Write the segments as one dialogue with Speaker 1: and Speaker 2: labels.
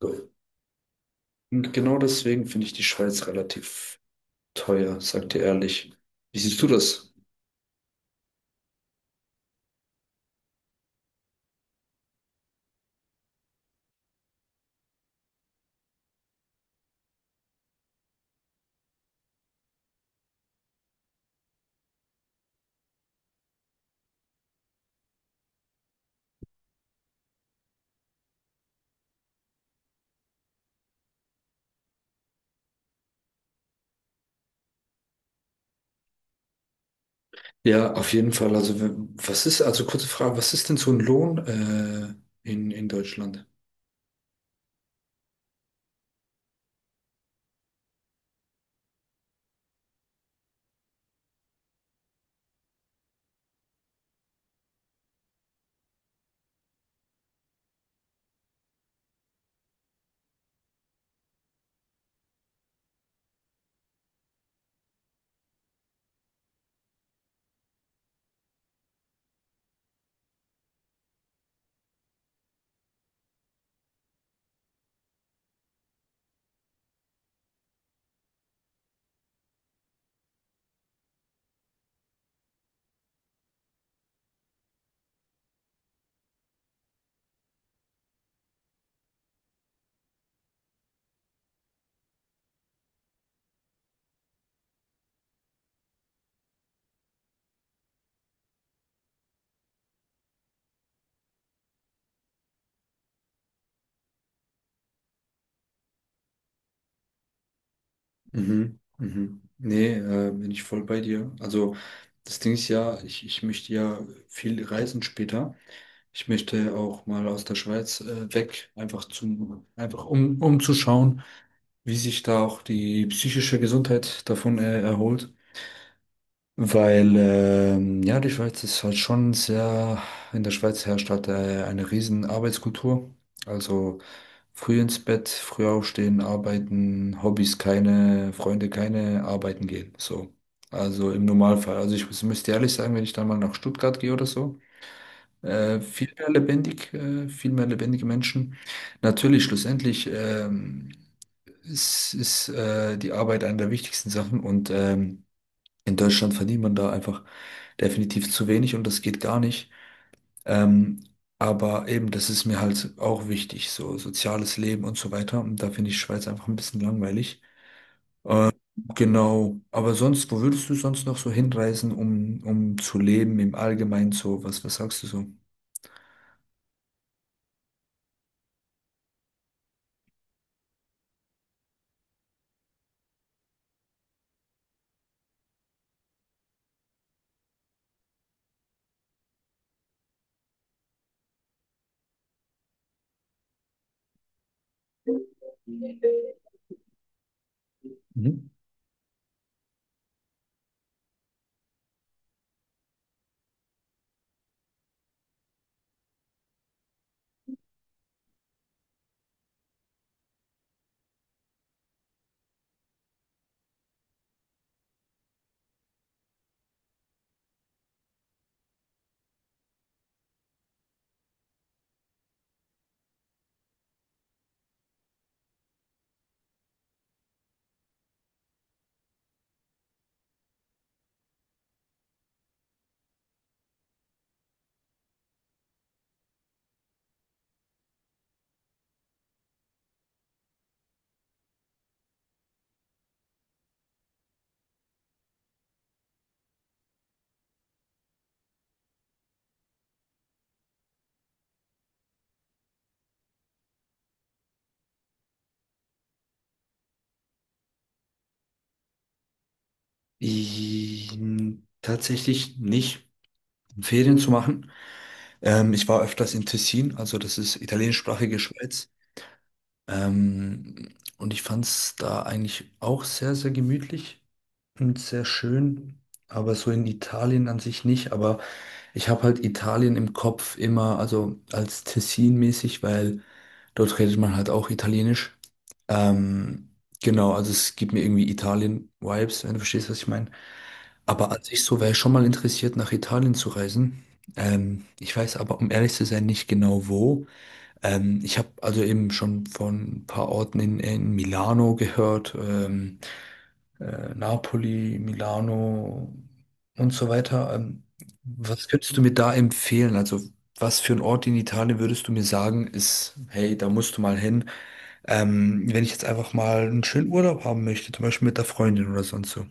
Speaker 1: Und genau deswegen finde ich die Schweiz relativ teuer, sagt ihr ehrlich. Wie siehst du das? Ja, auf jeden Fall. Also, was ist, also kurze Frage, was ist denn so ein Lohn in Deutschland? Mhm, mhm. Nee, bin ich voll bei dir. Also, das Ding ist ja, ich möchte ja viel reisen später. Ich möchte auch mal aus der Schweiz weg, einfach zum, einfach um, um zu schauen, wie sich da auch die psychische Gesundheit davon erholt. Weil, ja, die Schweiz ist halt schon sehr, in der Schweiz herrscht halt eine riesen Arbeitskultur. Also früh ins Bett, früh aufstehen, arbeiten, Hobbys keine, Freunde keine, arbeiten gehen. So. Also im Normalfall. Also ich müsste ehrlich sagen, wenn ich dann mal nach Stuttgart gehe oder so, viel mehr lebendig, viel mehr lebendige Menschen. Natürlich, schlussendlich ist die Arbeit eine der wichtigsten Sachen und in Deutschland verdient man da einfach definitiv zu wenig und das geht gar nicht. Ähm, aber eben, das ist mir halt auch wichtig, so soziales Leben und so weiter. Und da finde ich Schweiz einfach ein bisschen langweilig. Genau, aber sonst, wo würdest du sonst noch so hinreisen, um, um zu leben im Allgemeinen so? Was, was sagst du so? Mhm. Tatsächlich nicht, um Ferien zu machen. Ich war öfters in Tessin, also das ist italienischsprachige Schweiz. Und ich fand es da eigentlich auch sehr, sehr gemütlich. Und sehr schön, aber so in Italien an sich nicht. Aber ich habe halt Italien im Kopf immer, also als Tessin-mäßig, weil dort redet man halt auch Italienisch. Ähm, genau, also es gibt mir irgendwie Italien-Vibes, wenn du verstehst, was ich meine. Aber an sich so wäre ich schon mal interessiert, nach Italien zu reisen. Ich weiß aber, um ehrlich zu sein, nicht genau wo. Ich habe also eben schon von ein paar Orten in Milano gehört. Napoli, Milano und so weiter. Was könntest du mir da empfehlen? Also, was für ein Ort in Italien würdest du mir sagen, ist, hey, da musst du mal hin, wenn ich jetzt einfach mal einen schönen Urlaub haben möchte, zum Beispiel mit der Freundin oder sonst so?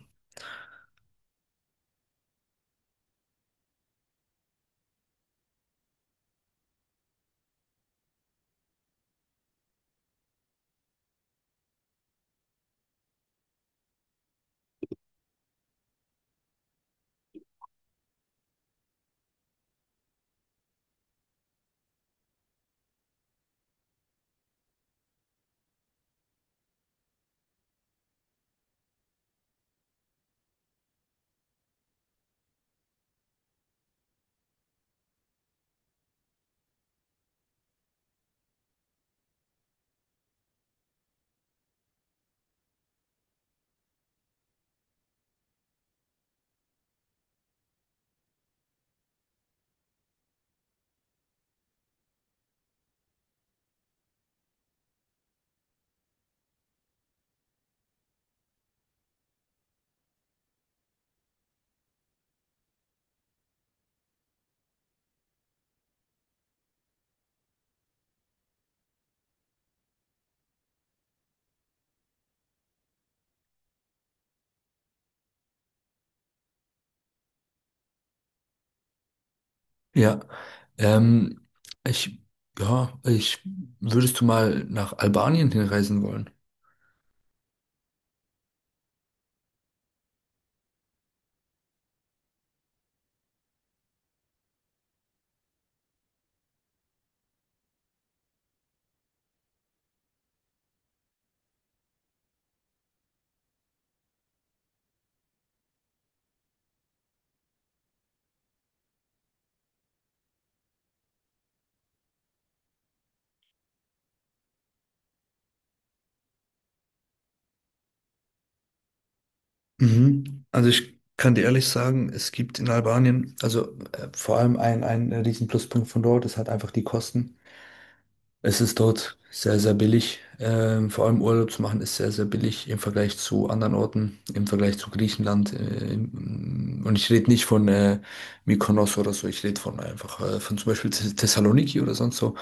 Speaker 1: Ja, ähm, ich, ja, würdest du mal nach Albanien hinreisen wollen? Mhm. Also ich kann dir ehrlich sagen, es gibt in Albanien, also vor allem ein riesen Pluspunkt von dort ist halt einfach die Kosten. Es ist dort sehr, sehr billig. Vor allem Urlaub zu machen ist sehr, sehr billig im Vergleich zu anderen Orten, im Vergleich zu Griechenland. Und ich rede nicht von Mykonos oder so, ich rede von einfach von zum Beispiel Thessaloniki oder sonst so.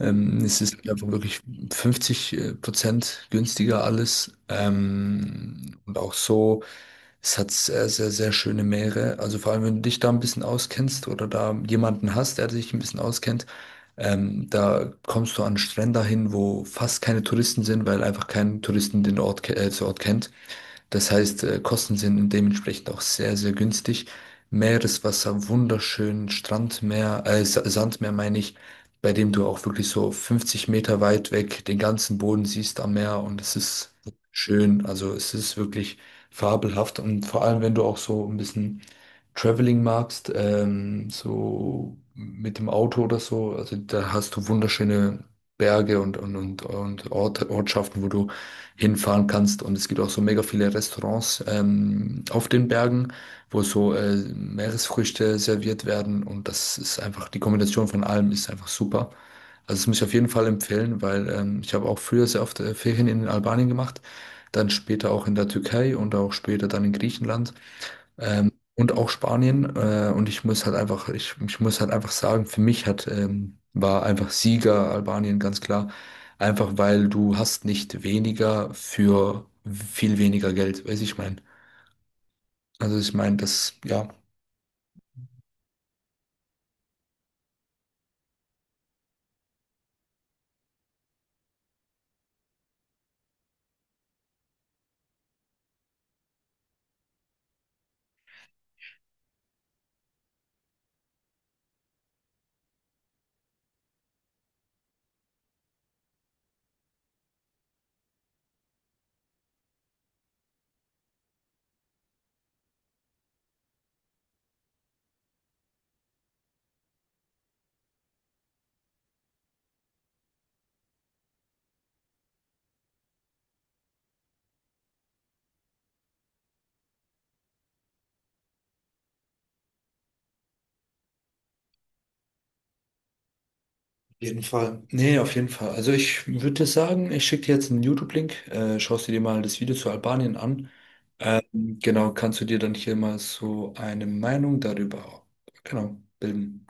Speaker 1: Es ist einfach wirklich 50% Prozent günstiger alles. Und auch so. Es hat sehr, sehr, sehr schöne Meere. Also vor allem, wenn du dich da ein bisschen auskennst oder da jemanden hast, der sich ein bisschen auskennt, da kommst du an Strände hin, wo fast keine Touristen sind, weil einfach kein Touristen den Ort, den Ort kennt. Das heißt, Kosten sind dementsprechend auch sehr, sehr günstig. Meereswasser, wunderschön, Strandmeer, Sandmeer meine ich, bei dem du auch wirklich so 50 Meter weit weg den ganzen Boden siehst am Meer und es ist schön. Also es ist wirklich fabelhaft und vor allem, wenn du auch so ein bisschen Traveling magst, so mit dem Auto oder so, also da hast du wunderschöne Berge und Orte, Ortschaften, wo du hinfahren kannst. Und es gibt auch so mega viele Restaurants auf den Bergen, wo so Meeresfrüchte serviert werden. Und das ist einfach, die Kombination von allem ist einfach super. Also das muss ich auf jeden Fall empfehlen, weil ich habe auch früher sehr oft Ferien in Albanien gemacht, dann später auch in der Türkei und auch später dann in Griechenland. Und auch Spanien. Und ich muss halt einfach, ich muss halt einfach sagen, für mich hat, war einfach Sieger Albanien ganz klar. Einfach weil du hast nicht weniger für viel weniger Geld, weiß ich mein. Also ich meine, das, ja. auf jeden Fall. Nee, auf jeden Fall. Also ich würde sagen, ich schicke dir jetzt einen YouTube-Link, schaust du dir mal das Video zu Albanien an. Genau, kannst du dir dann hier mal so eine Meinung darüber, genau, bilden.